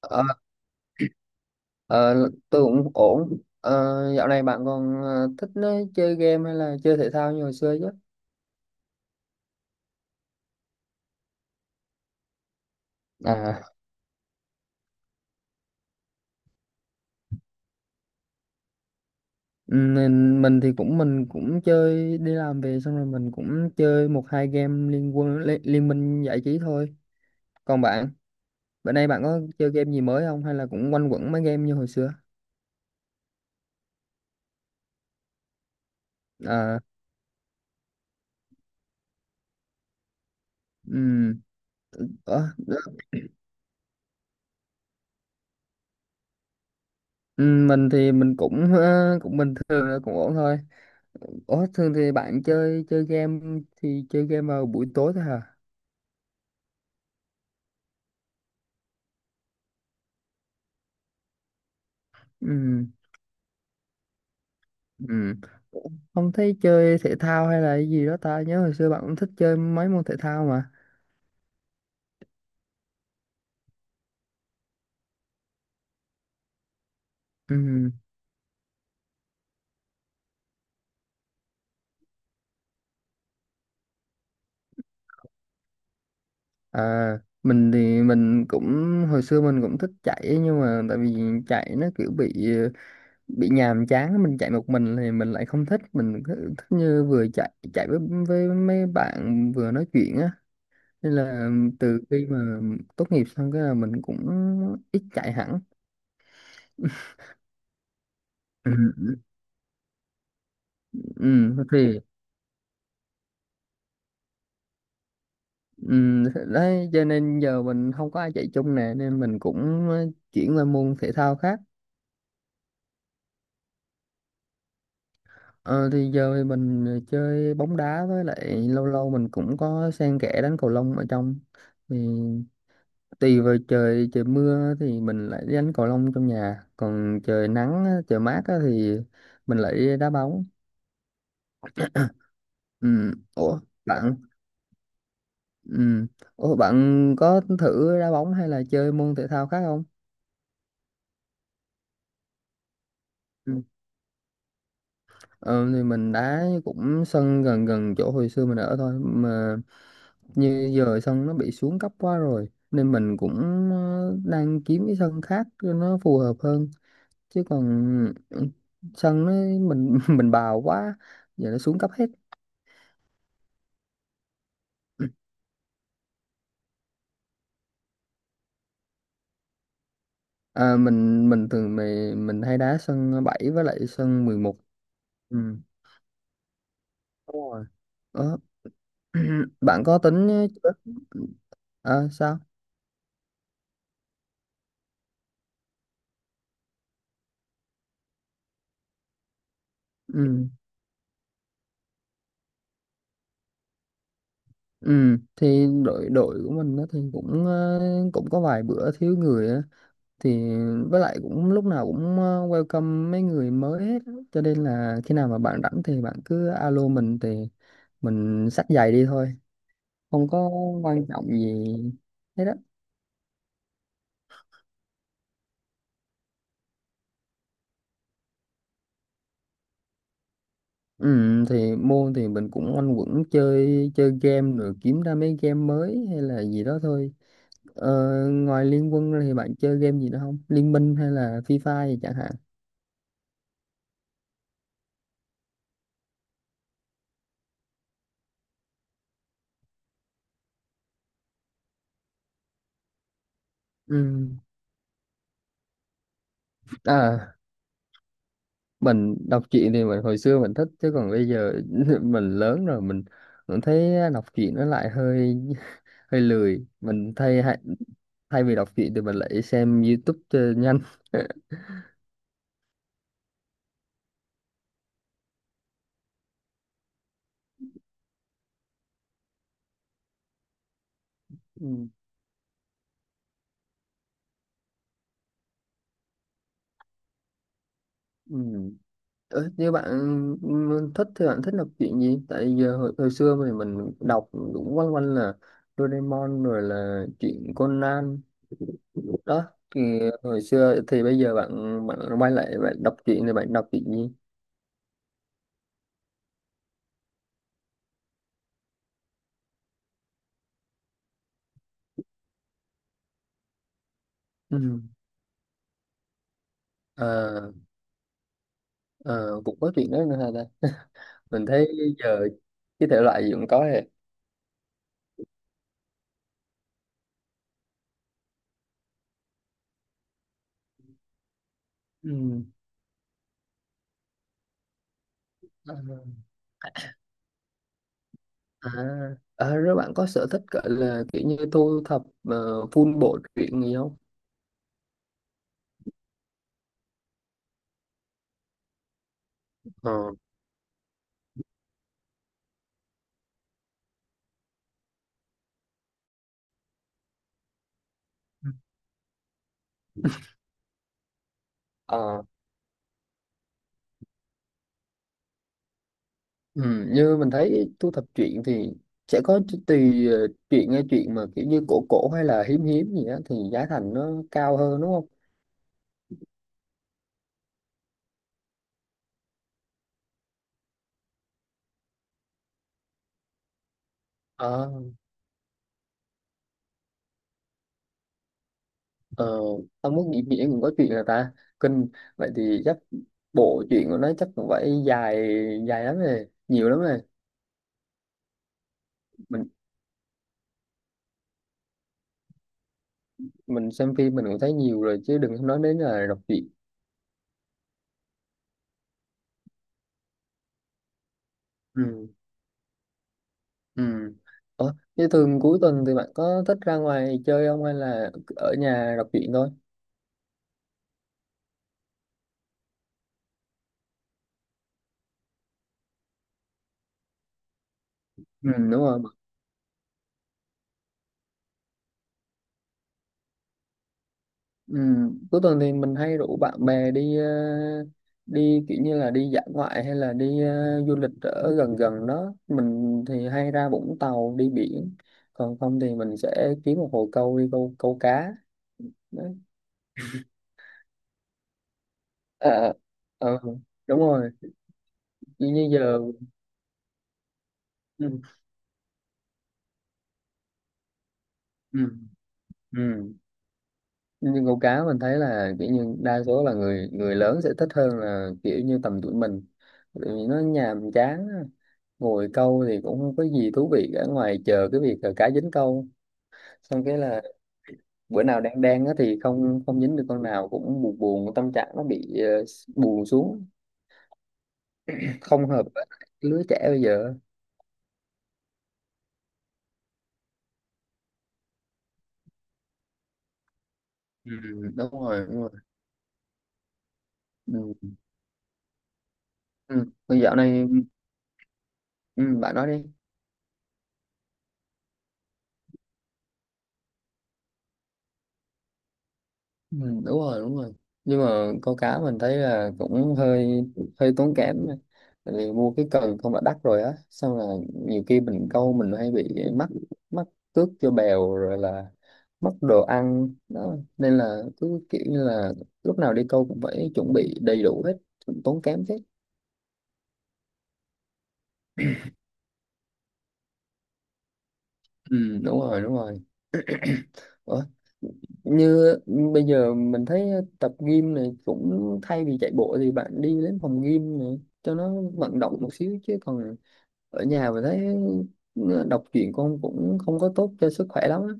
Ờ, ờ, tôi cũng ổn. Ờ, Dạo này bạn còn thích chơi game hay là chơi thể thao như hồi xưa chứ? À, mình thì cũng mình cũng chơi đi làm về xong rồi mình cũng chơi một hai game liên quân liên minh giải trí thôi. Còn bạn, bữa nay bạn có chơi game gì mới không hay là cũng quanh quẩn mấy game như hồi xưa? À, ừm, Ủa, mình thì mình cũng cũng bình thường là cũng ổn thôi. Ủa, thường thì bạn chơi chơi game thì chơi game vào buổi tối thôi hả? Ừ. Ừ. Ủa, không thấy chơi thể thao hay là cái gì đó, ta nhớ hồi xưa bạn cũng thích chơi mấy môn thể thao mà. Ừ. À, mình thì mình cũng hồi xưa mình cũng thích chạy, nhưng mà tại vì chạy nó kiểu bị nhàm chán, mình chạy một mình thì mình lại không thích, mình cứ thích như vừa chạy chạy với mấy bạn vừa nói chuyện á, nên là từ khi mà tốt nghiệp xong cái là mình cũng ít chạy hẳn. Ừ, ừ, ừ. Thì Ừm, đấy cho nên giờ mình không có ai chạy chung nè, nên mình cũng chuyển qua môn thể thao khác. Ờ, thì giờ thì mình chơi bóng đá, với lại lâu lâu mình cũng có xen kẽ đánh cầu lông ở trong, thì tùy vào trời, mưa thì mình lại đi đánh cầu lông trong nhà, còn trời nắng á, trời mát á thì mình lại đi đá bóng. Ừm, ủa bạn ừm, ủa, bạn có thử đá bóng hay là chơi môn thể thao khác không? Ờ, thì mình đá cũng sân gần gần chỗ hồi xưa mình ở thôi mà, như giờ sân nó bị xuống cấp quá rồi nên mình cũng đang kiếm cái sân khác cho nó phù hợp hơn. Chứ còn ừ, sân nó, mình mình bào quá, giờ nó xuống cấp hết. À, mình thường mình hay đá sân 7 với lại sân 11. Ừ. Đúng rồi. Ờ, Bạn có tính chưa? À, sao? Ừ. Ừ, thì đội đội của mình á thì cũng cũng có vài bữa thiếu người á, thì với lại cũng lúc nào cũng welcome mấy người mới hết á, cho nên là khi nào mà bạn rảnh thì bạn cứ alo mình thì mình xách giày đi thôi, không có quan trọng gì hết á. Ừ, thì môn thì mình cũng quanh quẩn chơi chơi game rồi kiếm ra mấy game mới hay là gì đó thôi. Ngoài Liên Quân ra thì bạn chơi game gì nữa không, Liên Minh hay là Free Fire chẳng hạn? Ừ. À, mình đọc truyện thì mình hồi xưa mình thích, chứ còn bây giờ mình lớn rồi, mình cũng thấy đọc truyện nó lại hơi hơi lười, mình thay vì đọc truyện thì mình lại xem YouTube cho nhanh. Ừ. Ừ. Như bạn thích thì bạn thích đọc truyện gì? Tại giờ hồi xưa thì mình đọc cũng quanh quanh là Doraemon rồi là truyện Conan đó, thì hồi xưa thì bây giờ bạn bạn quay lại bạn đọc truyện thì bạn đọc truyện gì? Ừ. Ờ, Cũng có chuyện đó nữa hả ta? Mình thấy giờ cái thể loại gì cũng có hết. Ừ. À, à, à, rồi bạn có sở thích gọi là kiểu như thu thập ờ, full bộ truyện gì không? Ờ. Ừ. Ờ, ừ, như mình thấy thu thập truyện thì sẽ có tùy truyện, nghe truyện mà kiểu như cổ cổ hay là hiếm hiếm gì á thì giá thành nó cao hơn, đúng không? Ờ, Tao muốn nghĩ nghĩa cũng có chuyện là ta kinh, vậy thì chắc bộ chuyện của nó chắc cũng phải dài, dài lắm rồi, nhiều lắm rồi. Mình mình xem phim mình cũng thấy nhiều rồi chứ đừng có nói đến là đọc truyện. Ừ. Ừ. Ủa, thế thường cuối tuần thì bạn có thích ra ngoài chơi không, hay là ở nhà đọc truyện thôi? Ừ, đúng rồi. Ừ. Cuối tuần thì mình hay rủ bạn bè đi đi kiểu như là đi dã ngoại hay là đi du lịch ở gần gần đó, mình thì hay ra Vũng Tàu đi biển, còn không thì mình sẽ kiếm một hồ câu đi câu câu cá, đấy. Ờ, ờ, Đúng rồi, như như giờ. Ừ. Ừ. Ừ. Nhưng câu cá mình thấy là kiểu như đa số là người người lớn sẽ thích hơn là kiểu như tầm tuổi mình, tại vì nó nhàm chán á. Ngồi câu thì cũng không có gì thú vị cả ngoài chờ cái việc là cá dính câu, xong cái là bữa nào đang đang á thì không không dính được con nào cũng buồn, buồn tâm trạng nó bị buồn xuống, không hợp với lại cái lứa trẻ bây giờ. Ừ, đúng rồi, đúng rồi. Ừ. Ừ. Dạo này, ừ, bạn nói đi. Ừ, đúng rồi, đúng rồi. Nhưng mà câu cá mình thấy là cũng hơi, hơi tốn kém, tại vì mua cái cần không đã đắt rồi á, xong là nhiều khi mình câu mình hay bị mắc, mắc cước cho bèo, rồi là mất đồ ăn đó, nên là cứ kiểu như là lúc nào đi câu cũng phải chuẩn bị đầy đủ hết, tốn kém thế. Ừ, đúng rồi, đúng rồi. Ủa? Như bây giờ mình thấy tập gym này, cũng thay vì chạy bộ thì bạn đi đến phòng gym này cho nó vận động một xíu, chứ còn ở nhà mình thấy đọc truyện con cũng không có tốt cho sức khỏe lắm á.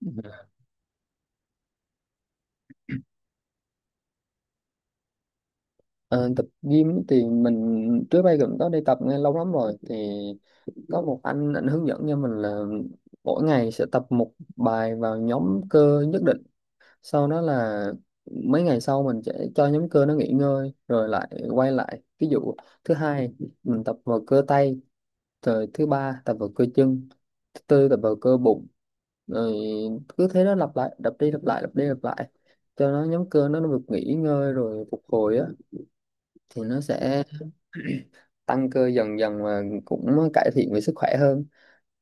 Ờ, Tập gym thì mình trước đây cũng có đi tập nghe lâu lắm rồi, thì có một anh hướng dẫn cho mình là mỗi ngày sẽ tập một bài vào nhóm cơ nhất định, sau đó là mấy ngày sau mình sẽ cho nhóm cơ nó nghỉ ngơi rồi lại quay lại. Ví dụ thứ hai mình tập vào cơ tay, rồi thứ ba tập vào cơ chân, thứ tư tập vào cơ bụng, rồi cứ thế đó lặp lại đập đi, lặp lại đập đi lặp lại, cho nó nhóm cơ nó được nghỉ ngơi rồi phục hồi á, thì nó sẽ tăng cơ dần dần và cũng cải thiện về sức khỏe hơn.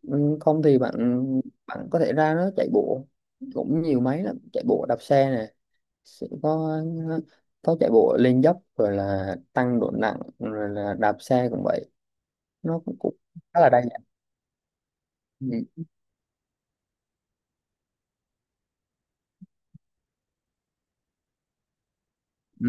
Ừ, không thì bạn bạn có thể ra nó chạy bộ, cũng nhiều máy lắm, chạy bộ đạp xe sẽ có chạy bộ lên dốc, rồi là tăng độ nặng, rồi là đạp xe cũng vậy, nó cũng khá là đa dạng. Ừ. Ừ.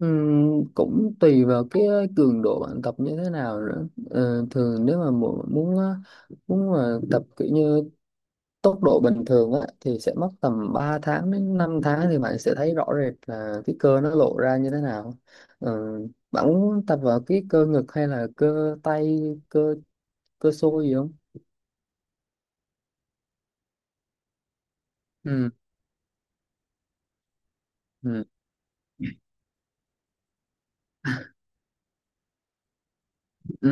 Ừ. Cũng tùy vào cái cường độ bạn tập như thế nào nữa. Ờ, Thường nếu mà muốn mà tập kiểu như tốc độ bình thường á, thì sẽ mất tầm 3 tháng đến 5 tháng thì bạn sẽ thấy rõ rệt là cái cơ nó lộ ra như thế nào. Ờ, Bạn muốn tập vào cái cơ ngực hay là cơ tay, cơ cơ xôi gì không? Ừ. Ừ. Ừ.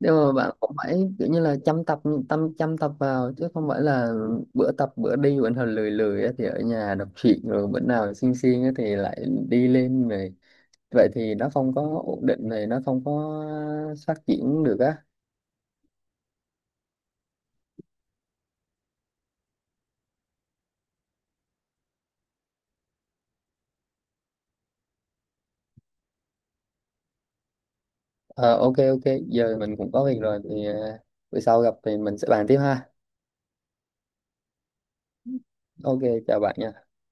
Nhưng mà bạn cũng phải kiểu như là chăm tập, tâm chăm tập vào, chứ không phải là bữa tập bữa đi, bữa nào lười lười á thì ở nhà đọc truyện, rồi bữa nào siêng siêng á thì lại đi lên này, vậy thì nó không có ổn định này, nó không có phát triển được á. Ờ, ok ok giờ mình cũng có việc rồi thì bữa sau gặp thì mình sẽ bàn tiếp ha. Ok, chào bạn nha.